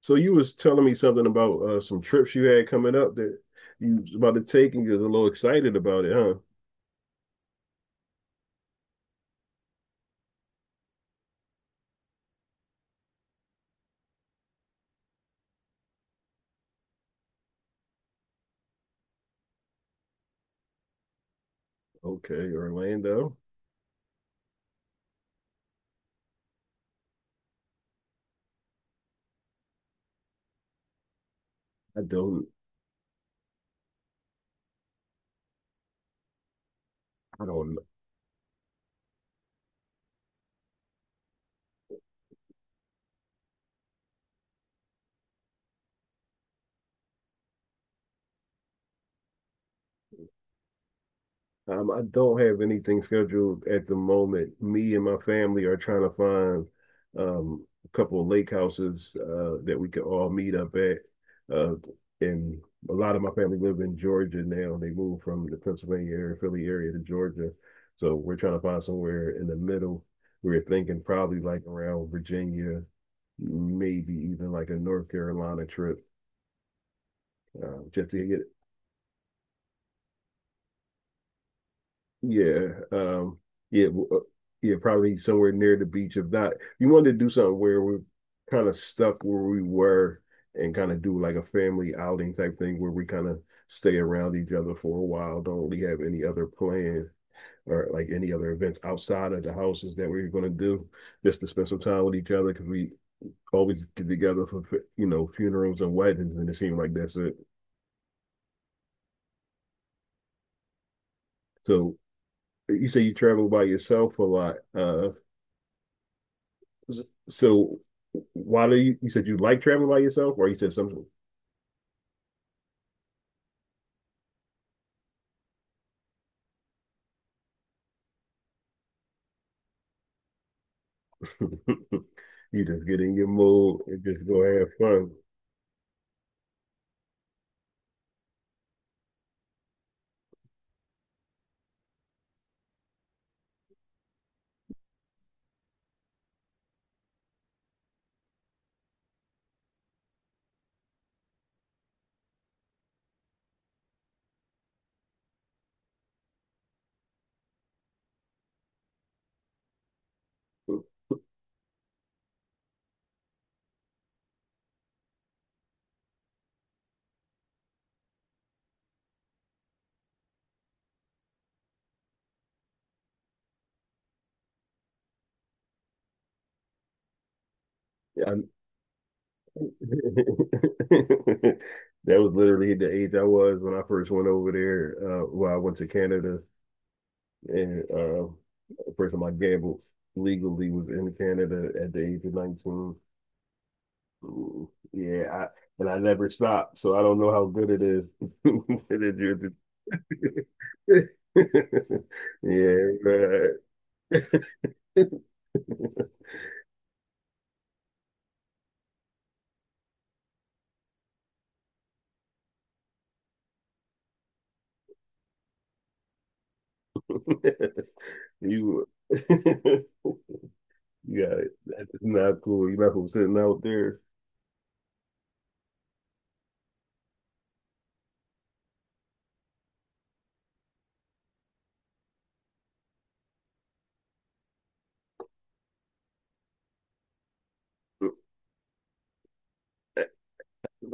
So you was telling me something about some trips you had coming up that you was about to take, and you was a little excited about it, huh? Okay, Orlando. I don't, I don't I don't have anything scheduled at the moment. Me and my family are trying to find a couple of lake houses that we can all meet up at. Uh, and a lot of my family live in Georgia now. They moved from the Pennsylvania area, Philly area to Georgia. So we're trying to find somewhere in the middle. We're thinking probably like around Virginia, maybe even like a North Carolina trip, just to get yeah. Yeah, w- uh, yeah, probably somewhere near the beach. If not, you wanted to do something where we're kind of stuck where we were and kind of do like a family outing type thing where we kind of stay around each other for a while, don't really have any other plan or like any other events outside of the houses that we are going to do just to spend some time with each other because we always get together for, you know, funerals and weddings, and it seemed like that's it. So you say you travel by yourself a lot. So why do you said you like traveling by yourself, or you said something? You just get in your mood and just go have fun. Yeah, I- that was literally the age I was when I first went over there. Well, I went to Canada and the first time I gambled legally was in Canada at the age of 19. Mm, Yeah, I, and I never stopped, so I don't know how good it is. Yeah, right. You, yeah, that's not cool. You're not from sitting out there.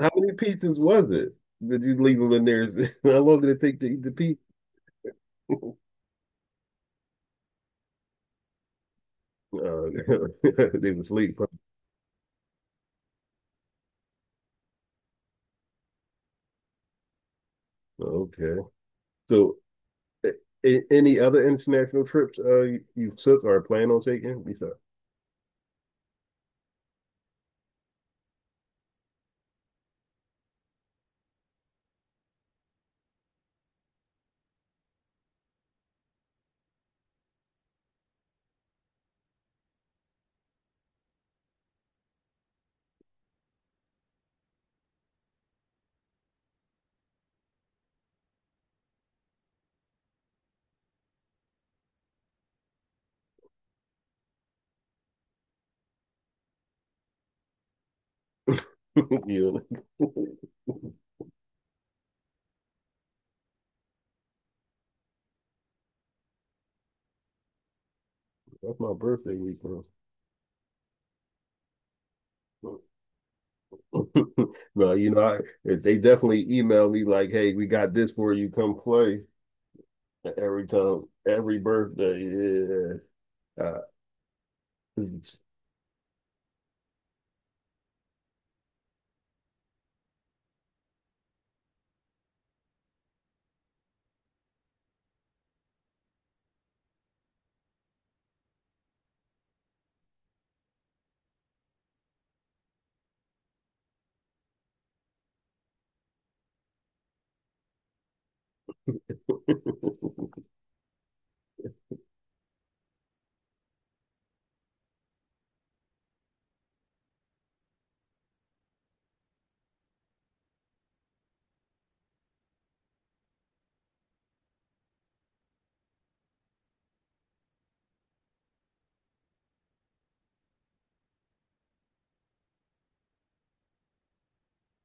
How many pizzas was it that you leave them in there? How long did it take to eat the pizza? Uh, they were asleep, huh? Okay. So any other international trips you took or plan on taking? Besides, you know, that's my birthday week, bro. No, You know, if they definitely email me like, "Hey, we got this for you. Come play." Every time, every birthday, yeah.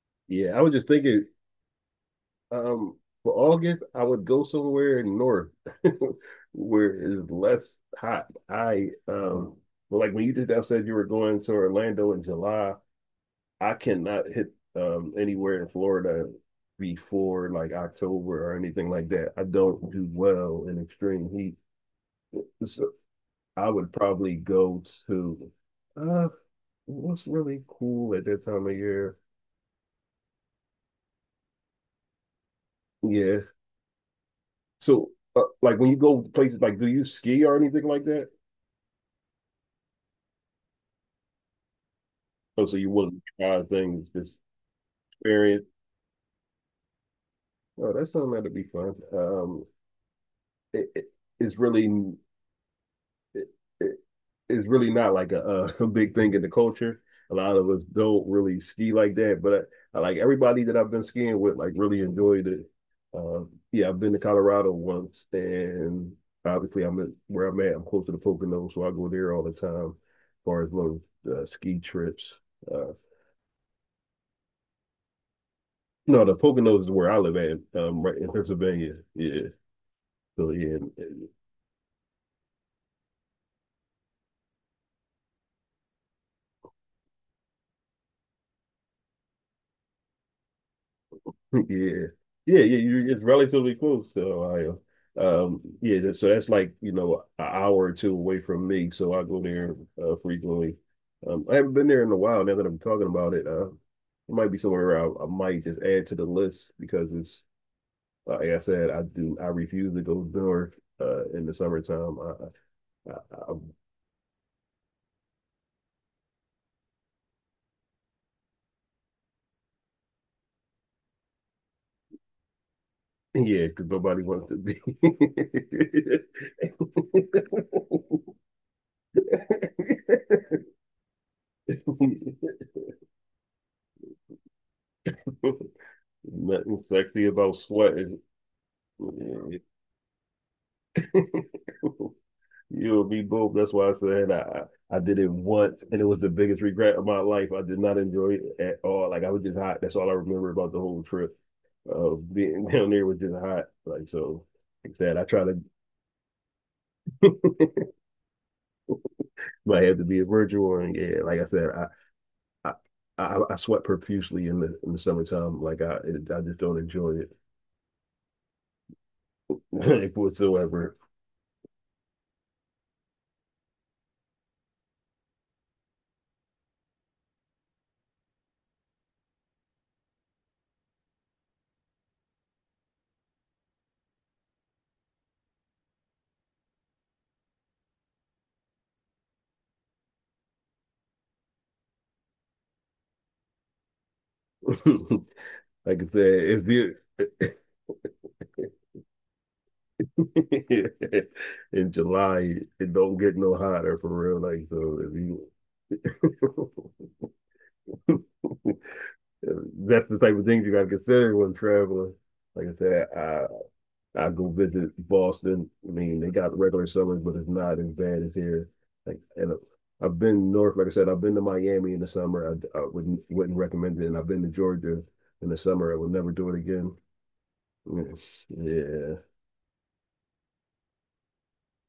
Yeah, I was just thinking Um, for August, I would go somewhere north where it's less hot. I But like when you just now said you were going to Orlando in July, I cannot hit anywhere in Florida before like October or anything like that. I don't do well in extreme heat. So I would probably go to uh what's really cool at that time of year. Yeah. So like when you go to places like do you ski or anything like that? Oh, so you willing to try things, just experience. Oh, that's something that'd be fun. It, it it's really it, it, it's really not like a big thing in the culture. A lot of us don't really ski like that, but I like everybody that I've been skiing with, like really enjoyed it. Yeah, I've been to Colorado once, and obviously where I'm at. I'm close to the Poconos, so I go there all the time. As far as little ski trips, uh, no, the Poconos is where I live at, right in Pennsylvania. Yeah. So yeah, yeah, yeah. It's relatively close to Ohio. Yeah. So that's like you know an hour or two away from me. So I go there frequently. I haven't been there in a while. Now that I'm talking about it, it might be somewhere I might just add to the list because it's like I said, I refuse to go north in the summertime. I Yeah, because nobody wants to be. Nothing sexy about sweating. Yeah. You'll be both. That's why I did it once, and it was the biggest regret of my life. I did not enjoy it at all. Like I was just hot. That's all I remember about the whole trip of being down there was just hot. Like so, like I said, I try to might have to be a virgin one. Yeah, like I said, I, I sweat profusely in the summertime. I just don't enjoy it whatsoever. Like I said, if you in July, it don't get no hotter for real. Like so, if you that's the type of things you gotta consider when traveling. Like I said, I go visit Boston. I mean, they got regular summers, but it's not as bad as here. Like, and I've been north, like I said, I've been to Miami in the summer. I wouldn't recommend it. And I've been to Georgia in the summer. I would never do it again. Yeah.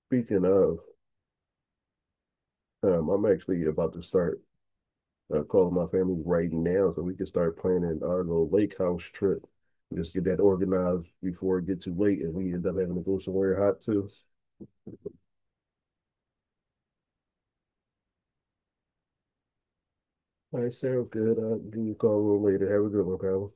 Speaking of, I'm actually about to start calling my family right now so we can start planning our little lake house trip. Just get that organized before it gets too late and we end up having to go somewhere hot too. All right, sounds good. I'll give you a call a little later. Have a good one, Kyle.